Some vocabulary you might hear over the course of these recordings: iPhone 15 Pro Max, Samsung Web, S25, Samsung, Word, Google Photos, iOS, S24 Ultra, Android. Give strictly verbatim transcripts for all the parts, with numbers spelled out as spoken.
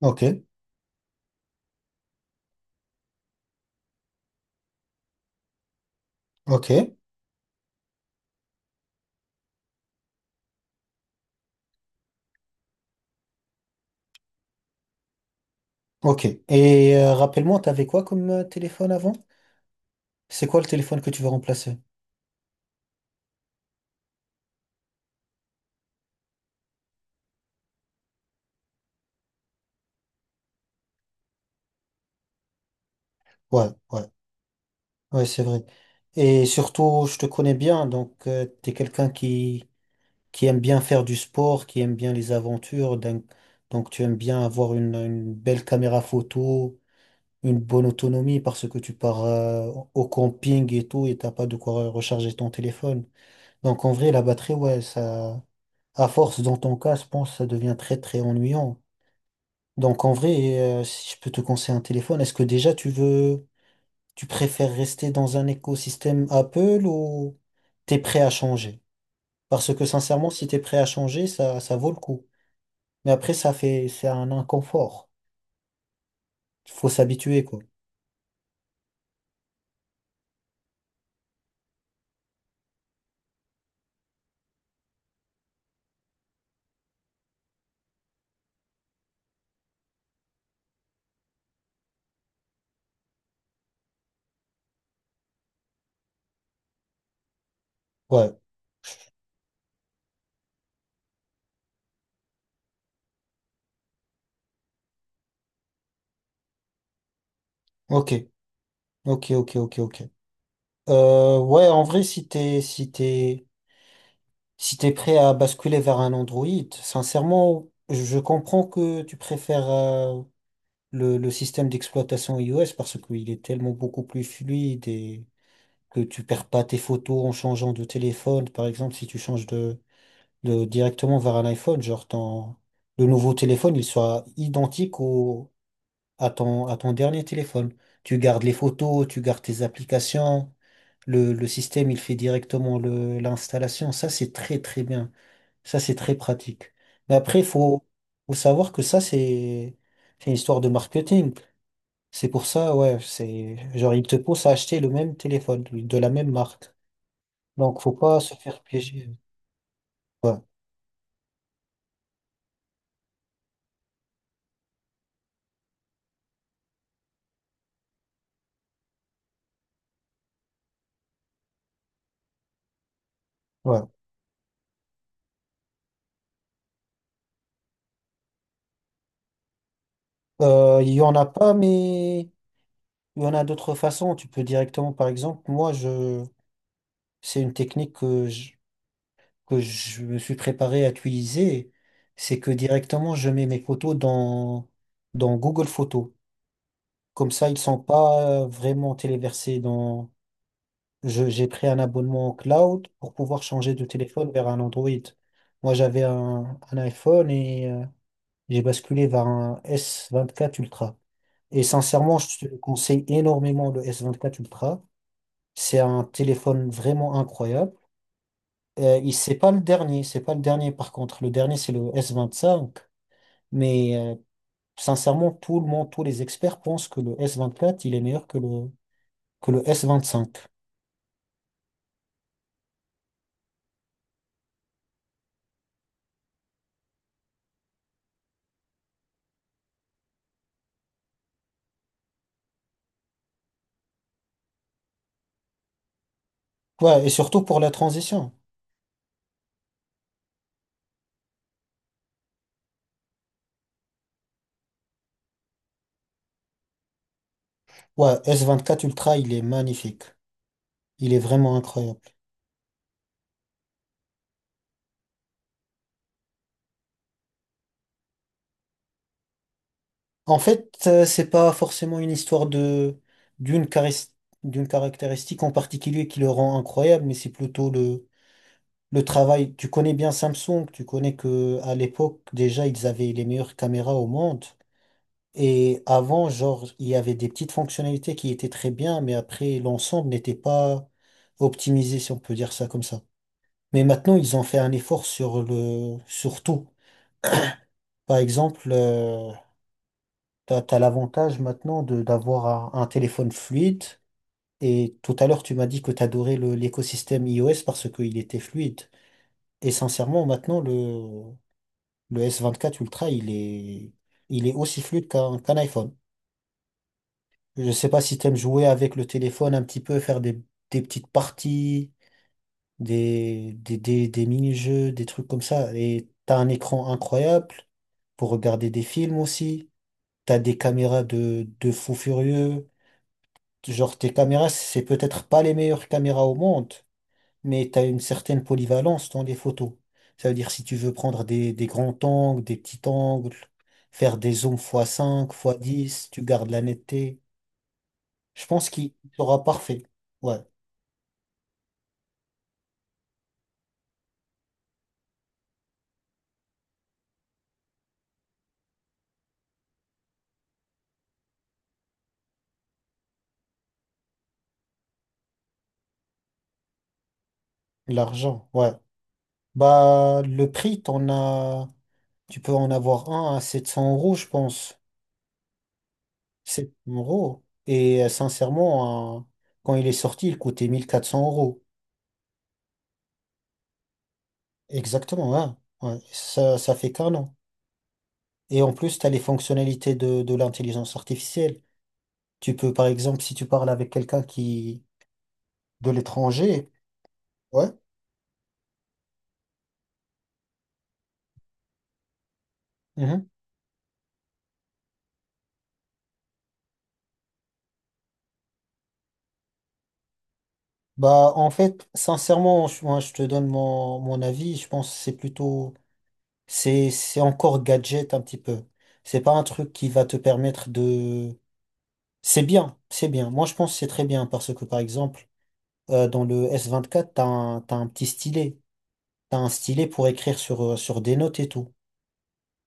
Ok, ok, ok. Et euh, rappelle-moi, t'avais quoi comme euh, téléphone avant? C'est quoi le téléphone que tu veux remplacer? Ouais, ouais, ouais, c'est vrai. Et surtout, je te connais bien, donc tu t'es quelqu'un qui qui aime bien faire du sport, qui aime bien les aventures, donc, donc tu aimes bien avoir une, une belle caméra photo, une bonne autonomie parce que tu pars euh, au camping et tout et t'as pas de quoi recharger ton téléphone. Donc en vrai, la batterie, ouais, ça, à force dans ton cas, je pense, que ça devient très très ennuyant. Donc en vrai, euh, si je peux te conseiller un téléphone, est-ce que déjà tu veux, tu préfères rester dans un écosystème Apple ou t'es prêt à changer? Parce que sincèrement, si t'es prêt à changer, ça, ça vaut le coup. Mais après, ça fait, c'est un inconfort. Faut s'habituer, quoi. Ouais. Ok. Ok, ok, ok, ok. Euh, ouais, en vrai, si t'es, si t'es, si t'es prêt à basculer vers un Android, sincèrement, je comprends que tu préfères, euh, le, le système d'exploitation iOS parce qu'il est tellement beaucoup plus fluide et que tu perds pas tes photos en changeant de téléphone. Par exemple, si tu changes de, de directement vers un iPhone, genre ton, le nouveau téléphone, il soit identique au, à ton, à ton dernier téléphone. Tu gardes les photos, tu gardes tes applications. Le, le système, il fait directement le, l'installation. Ça, c'est très, très bien. Ça, c'est très pratique. Mais après, faut, faut savoir que ça, c'est, c'est une histoire de marketing. C'est pour ça, ouais, c'est genre ils te poussent à acheter le même téléphone oui, de la même marque. Donc faut pas se faire piéger. Ouais, ouais. Euh, il y en a pas, mais il y en a d'autres façons. Tu peux directement, par exemple, moi je, c'est une technique que je, que je, me suis préparé à utiliser. C'est que directement je mets mes photos dans dans Google Photos. Comme ça, ils sont pas vraiment téléversés. Dans Je- j'ai pris un abonnement au cloud pour pouvoir changer de téléphone vers un Android. Moi, j'avais un, un iPhone et euh, j'ai basculé vers un S vingt-quatre Ultra. Et sincèrement, je te conseille énormément le S vingt-quatre Ultra. C'est un téléphone vraiment incroyable. Euh, il, c'est pas le dernier, c'est pas le dernier par contre. Le dernier, c'est le S vingt-cinq. Mais euh, sincèrement, tout le monde, tous les experts pensent que le S vingt-quatre il est meilleur que le, que le S vingt-cinq. Ouais, et surtout pour la transition. Ouais, S vingt-quatre Ultra, il est magnifique. Il est vraiment incroyable. En fait, euh, c'est pas forcément une histoire de d'une charis- d'une caractéristique en particulier qui le rend incroyable, mais c'est plutôt le le travail. Tu connais bien Samsung, tu connais que à l'époque déjà ils avaient les meilleures caméras au monde. Et avant, genre, il y avait des petites fonctionnalités qui étaient très bien, mais après, l'ensemble n'était pas optimisé, si on peut dire ça comme ça. Mais maintenant, ils ont fait un effort sur le, sur tout. Par exemple, euh, t'as, t'as l'avantage maintenant de d'avoir un, un téléphone fluide. Et tout à l'heure, tu m'as dit que t'adorais le, l'écosystème iOS parce qu'il était fluide. Et sincèrement, maintenant, le, le S vingt-quatre Ultra, il est, il est aussi fluide qu'un qu'un iPhone. Je sais pas si t'aimes jouer avec le téléphone un petit peu, faire des, des petites parties, des, des, des, des mini-jeux, des trucs comme ça. Et t'as un écran incroyable pour regarder des films aussi. T'as des caméras de, de fou furieux. Genre, tes caméras, c'est peut-être pas les meilleures caméras au monde, mais tu as une certaine polyvalence dans les photos. Ça veut dire si tu veux prendre des, des grands angles, des petits angles, faire des zooms x cinq x dix tu gardes la netteté. Je pense qu'il sera parfait. Ouais, l'argent, ouais. Bah, le prix, t'en as... tu peux en avoir un à sept cents euros, je pense. sept cents euros. Et euh, sincèrement, hein, quand il est sorti, il coûtait mille quatre cents euros. Exactement, hein. Ouais, Ça, ça fait qu'un an. Et en plus, tu as les fonctionnalités de, de l'intelligence artificielle. Tu peux, par exemple, si tu parles avec quelqu'un qui de l'étranger, ouais. Mhm. Bah, en fait, sincèrement, je- moi, je te donne mon, mon avis. Je pense que c'est plutôt, c'est, c'est encore gadget un petit peu. C'est pas un truc qui va te permettre de. C'est bien, c'est bien. Moi, je pense que c'est très bien parce que, par exemple, Euh, dans le S vingt-quatre, t'as un, t'as un petit stylet. T'as un stylet pour écrire sur, euh, sur des notes et tout.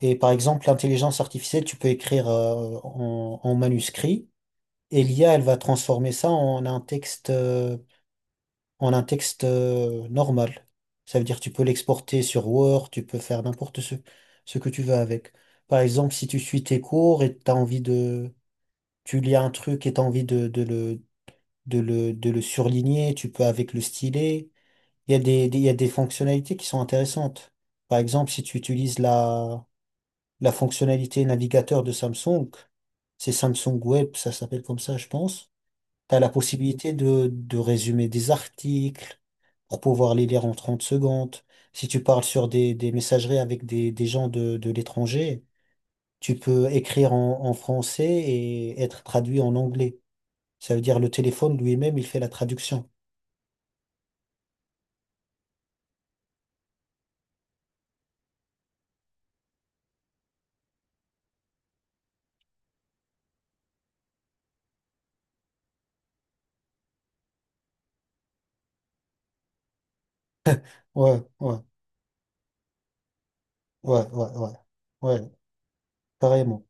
Et par exemple, l'intelligence artificielle, tu peux écrire euh, en, en manuscrit. Et l'I A, elle va transformer ça en un texte, euh, en un texte euh, normal. Ça veut dire tu peux l'exporter sur Word, tu peux faire n'importe ce, ce que tu veux avec. Par exemple, si tu suis tes cours et t'as envie de, tu lis un truc et t'as envie de, de le, de le, de le surligner, tu peux avec le stylet. Il y a des, des- il y a des fonctionnalités qui sont intéressantes. Par exemple, si tu utilises la, la fonctionnalité navigateur de Samsung, c'est Samsung Web, ça s'appelle comme ça, je pense. Tu as la possibilité de, de résumer des articles pour pouvoir les lire en trente secondes. Si tu parles sur des, des messageries avec des, des gens de, de l'étranger, tu peux écrire en, en français et être traduit en anglais. Ça veut dire le téléphone lui-même, il fait la traduction. Ouais, ouais, ouais, ouais, ouais, ouais, carrément.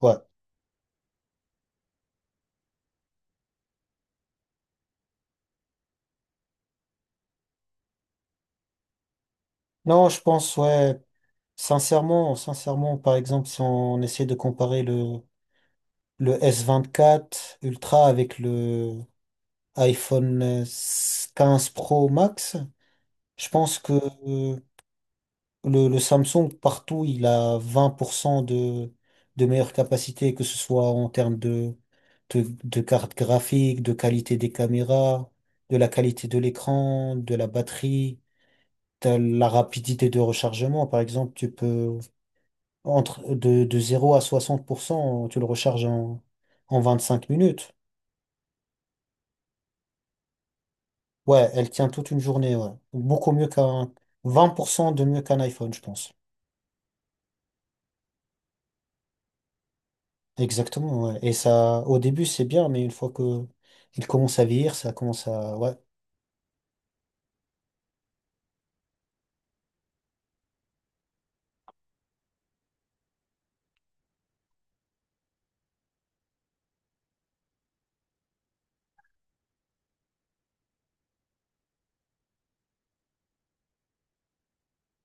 Ouais. Non, je pense, ouais, sincèrement, sincèrement, par exemple, si on essaie de comparer le, le s vingt-quatre Ultra avec le iPhone quinze Pro Max, je pense que euh, Le, le Samsung, partout, il a vingt pour cent de, de meilleure capacité, que ce soit en termes de, de, de carte graphique, de qualité des caméras, de la qualité de l'écran, de la batterie, de la rapidité de rechargement. Par exemple, tu peux, entre de, de zéro à soixante pour cent tu le recharges en, en vingt-cinq minutes. Ouais, elle tient toute une journée, ouais. Beaucoup mieux qu'un, vingt pour cent de mieux qu'un iPhone, je pense. Exactement, ouais. Et ça, au début, c'est bien, mais une fois que il commence à vieillir, ça commence à. Ouais,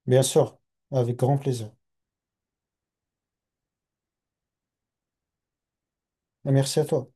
bien sûr, avec grand plaisir. Merci à toi.